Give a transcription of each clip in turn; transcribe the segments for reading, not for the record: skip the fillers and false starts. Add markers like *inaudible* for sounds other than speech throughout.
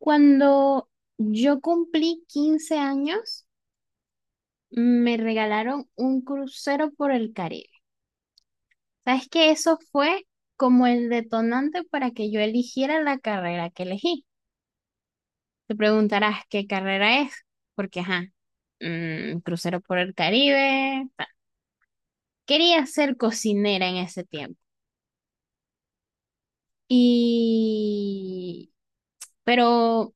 Cuando yo cumplí 15 años, me regalaron un crucero por el Caribe. ¿Sabes que eso fue como el detonante para que yo eligiera la carrera que elegí? Te preguntarás qué carrera es, porque, ajá, crucero por el Caribe. Ta. Quería ser cocinera en ese tiempo. Y, pero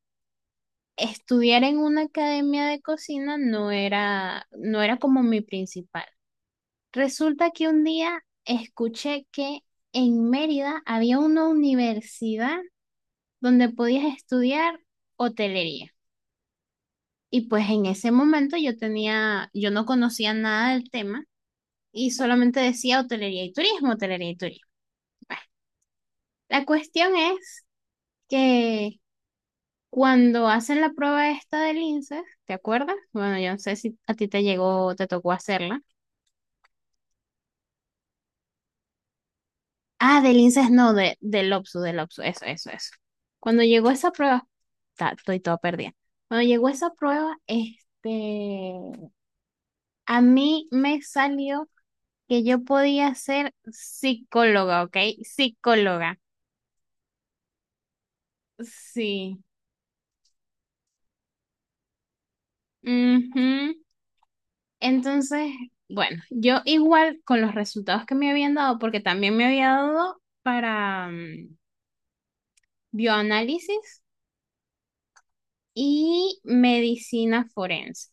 estudiar en una academia de cocina no era como mi principal. Resulta que un día escuché que en Mérida había una universidad donde podías estudiar hotelería. Y pues en ese momento yo no conocía nada del tema, y solamente decía hotelería y turismo, hotelería y turismo. Bueno, la cuestión es que cuando hacen la prueba esta del INSEE, ¿te acuerdas? Bueno, yo no sé si a ti te llegó o te tocó hacerla. Ah, del INSES, no, del OPSU, eso, eso, eso. Cuando llegó esa prueba, estoy toda perdida. Cuando llegó esa prueba, a mí me salió que yo podía ser psicóloga, ¿ok? Psicóloga, sí. Ujú. Entonces, bueno, yo igual con los resultados que me habían dado, porque también me había dado para bioanálisis y medicina forense.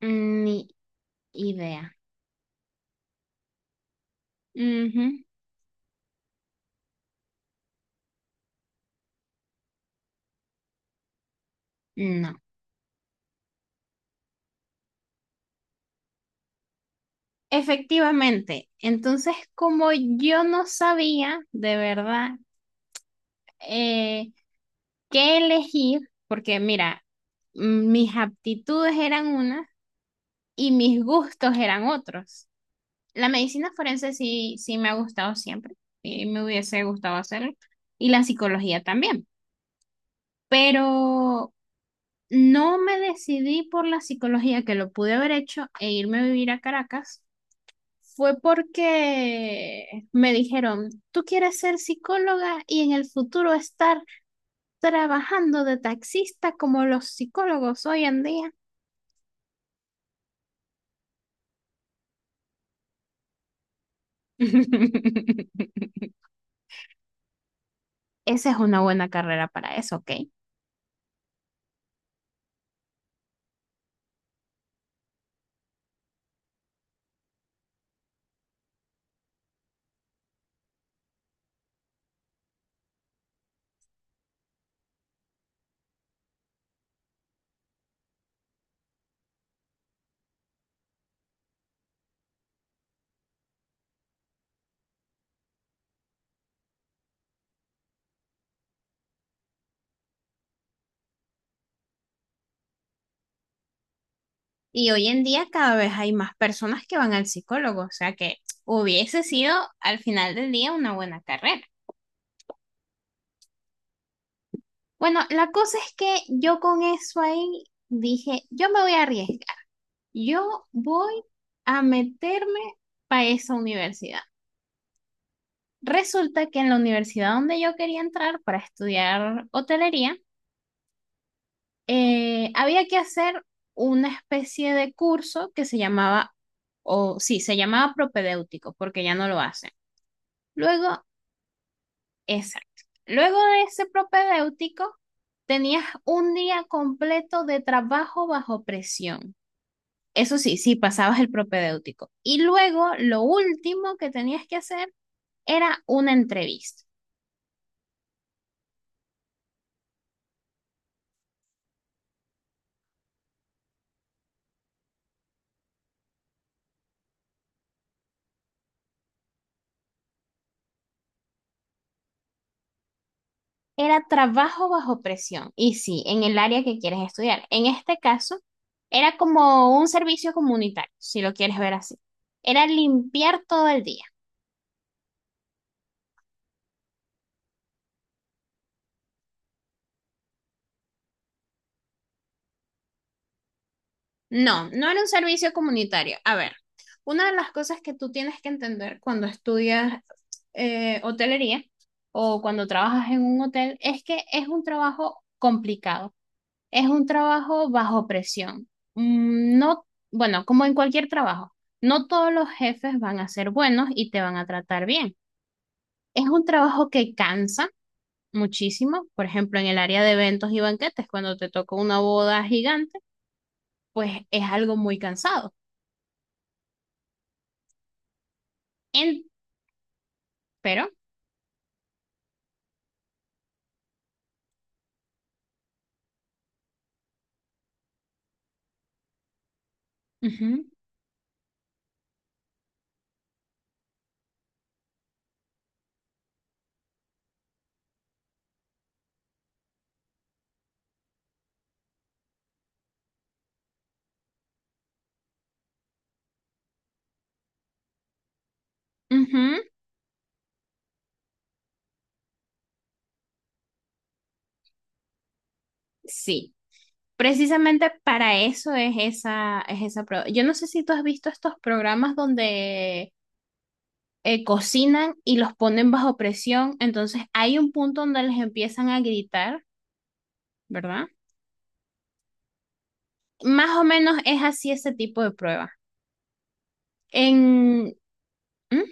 Mm, Idea. Ujú. No. Efectivamente. Entonces, como yo no sabía de verdad eh, qué elegir, porque mira, mis aptitudes eran unas y mis gustos eran otros. La medicina forense sí, sí me ha gustado siempre y me hubiese gustado hacerlo. Y la psicología también. Pero no me decidí por la psicología, que lo pude haber hecho e irme a vivir a Caracas. Fue porque me dijeron, tú quieres ser psicóloga y en el futuro estar trabajando de taxista como los psicólogos hoy en día. *laughs* Esa es una buena carrera para eso, ¿ok? Y hoy en día cada vez hay más personas que van al psicólogo, o sea que hubiese sido al final del día una buena carrera. Bueno, la cosa es que yo con eso ahí dije, yo me voy a arriesgar. Yo voy a meterme para esa universidad. Resulta que en la universidad donde yo quería entrar para estudiar hotelería, había que hacer una especie de curso que se llamaba, o sí, se llamaba propedéutico, porque ya no lo hacen. Luego, exacto. Luego de ese propedéutico, tenías un día completo de trabajo bajo presión. Eso sí, sí, pasabas el propedéutico. Y luego lo último que tenías que hacer era una entrevista. Era trabajo bajo presión. Y sí, en el área que quieres estudiar. En este caso, era como un servicio comunitario, si lo quieres ver así. Era limpiar todo el día. No, no era un servicio comunitario. A ver, una de las cosas que tú tienes que entender cuando estudias hotelería o cuando trabajas en un hotel es que es un trabajo complicado. Es un trabajo bajo presión. No, bueno, como en cualquier trabajo, no todos los jefes van a ser buenos y te van a tratar bien. Es un trabajo que cansa muchísimo. Por ejemplo, en el área de eventos y banquetes, cuando te toca una boda gigante, pues es algo muy cansado. En- pero, ujú, ujú, sí, precisamente para eso es esa prueba. Yo no sé si tú has visto estos programas donde cocinan y los ponen bajo presión, entonces hay un punto donde les empiezan a gritar, ¿verdad? Más o menos es así ese tipo de prueba. En, ¿mm?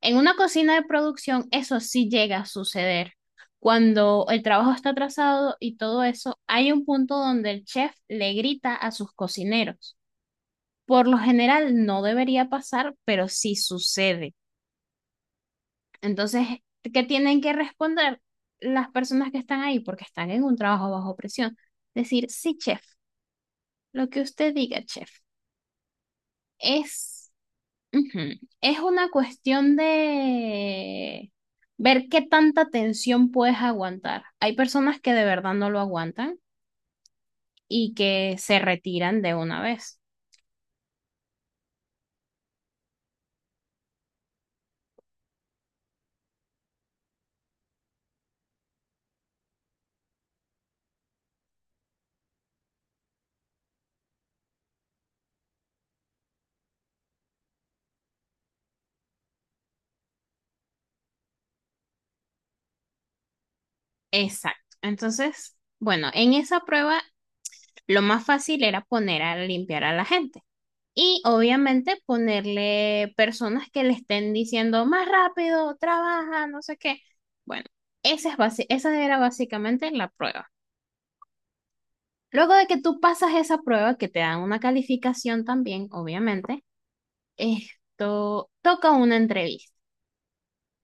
En una cocina de producción eso sí llega a suceder. Cuando el trabajo está atrasado y todo eso, hay un punto donde el chef le grita a sus cocineros. Por lo general no debería pasar, pero sí sucede. Entonces, ¿qué tienen que responder las personas que están ahí? Porque están en un trabajo bajo presión. Decir, sí, chef, lo que usted diga, chef, es, ujú, es una cuestión de ver qué tanta tensión puedes aguantar. Hay personas que de verdad no lo aguantan y que se retiran de una vez. Exacto. Entonces, bueno, en esa prueba lo más fácil era poner a limpiar a la gente. Y obviamente ponerle personas que le estén diciendo más rápido, trabaja, no sé qué. Bueno, esa era básicamente la prueba. Luego de que tú pasas esa prueba, que te dan una calificación también, obviamente, esto toca una entrevista.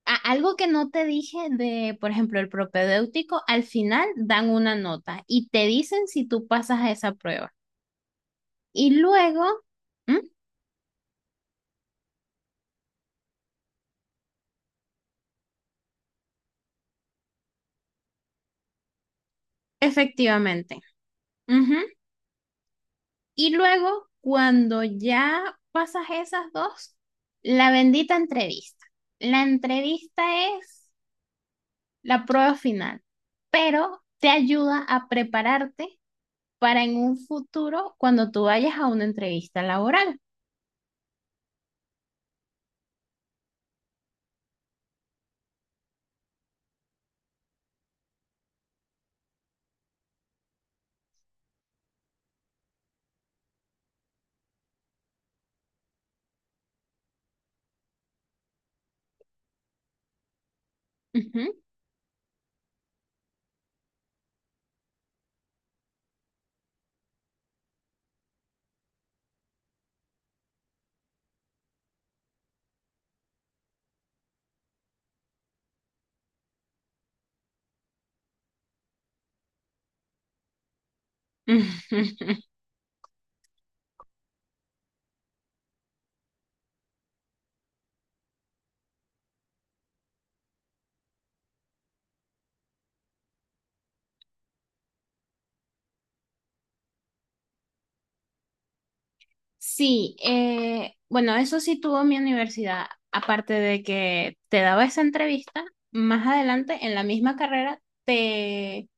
Algo que no te dije de, por ejemplo, el propedéutico, al final dan una nota y te dicen si tú pasas a esa prueba. Y luego, ¿mm? Efectivamente. Ujú. Y luego, cuando ya pasas esas dos, la bendita entrevista. La entrevista es la prueba final, pero te ayuda a prepararte para en un futuro cuando tú vayas a una entrevista laboral. Ujú. *laughs* Sí, bueno, eso sí tuvo mi universidad, aparte de que te daba esa entrevista, más adelante en la misma carrera te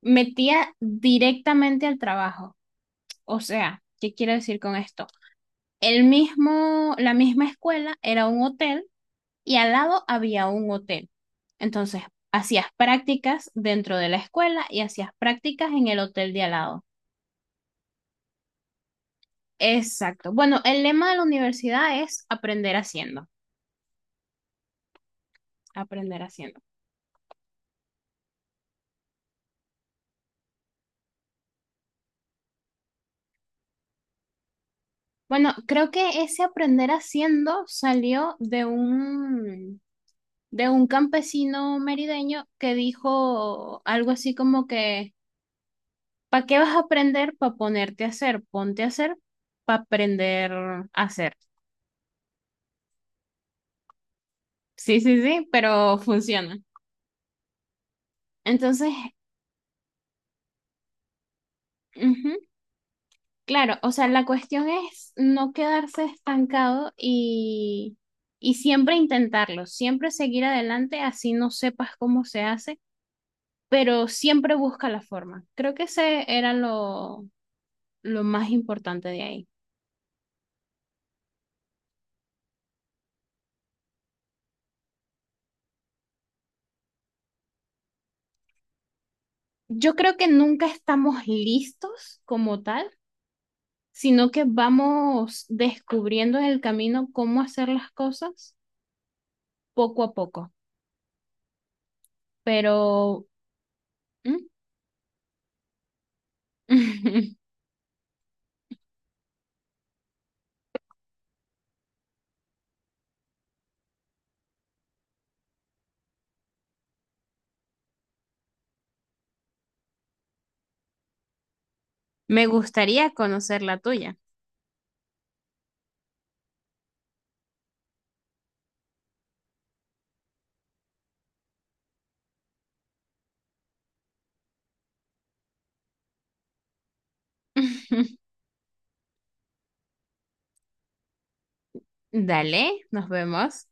metía directamente al trabajo. O sea, ¿qué quiero decir con esto? La misma escuela era un hotel y al lado había un hotel. Entonces, hacías prácticas dentro de la escuela y hacías prácticas en el hotel de al lado. Exacto. Bueno, el lema de la universidad es aprender haciendo, aprender haciendo. Bueno, creo que ese aprender haciendo salió de un campesino merideño que dijo algo así como que ¿para qué vas a aprender? Para ponerte a hacer. Ponte a hacer para aprender a hacer. Sí, sí, sí, pero funciona. Entonces, ujú, claro, o sea, la cuestión es no quedarse estancado, y siempre intentarlo, siempre seguir adelante, así no sepas cómo se hace, pero siempre busca la forma. Creo que ese era lo más importante de ahí. Yo creo que nunca estamos listos como tal, sino que vamos descubriendo en el camino cómo hacer las cosas poco a poco. Pero ¿mm? *laughs* Me gustaría conocer la tuya. *laughs* Dale, nos vemos.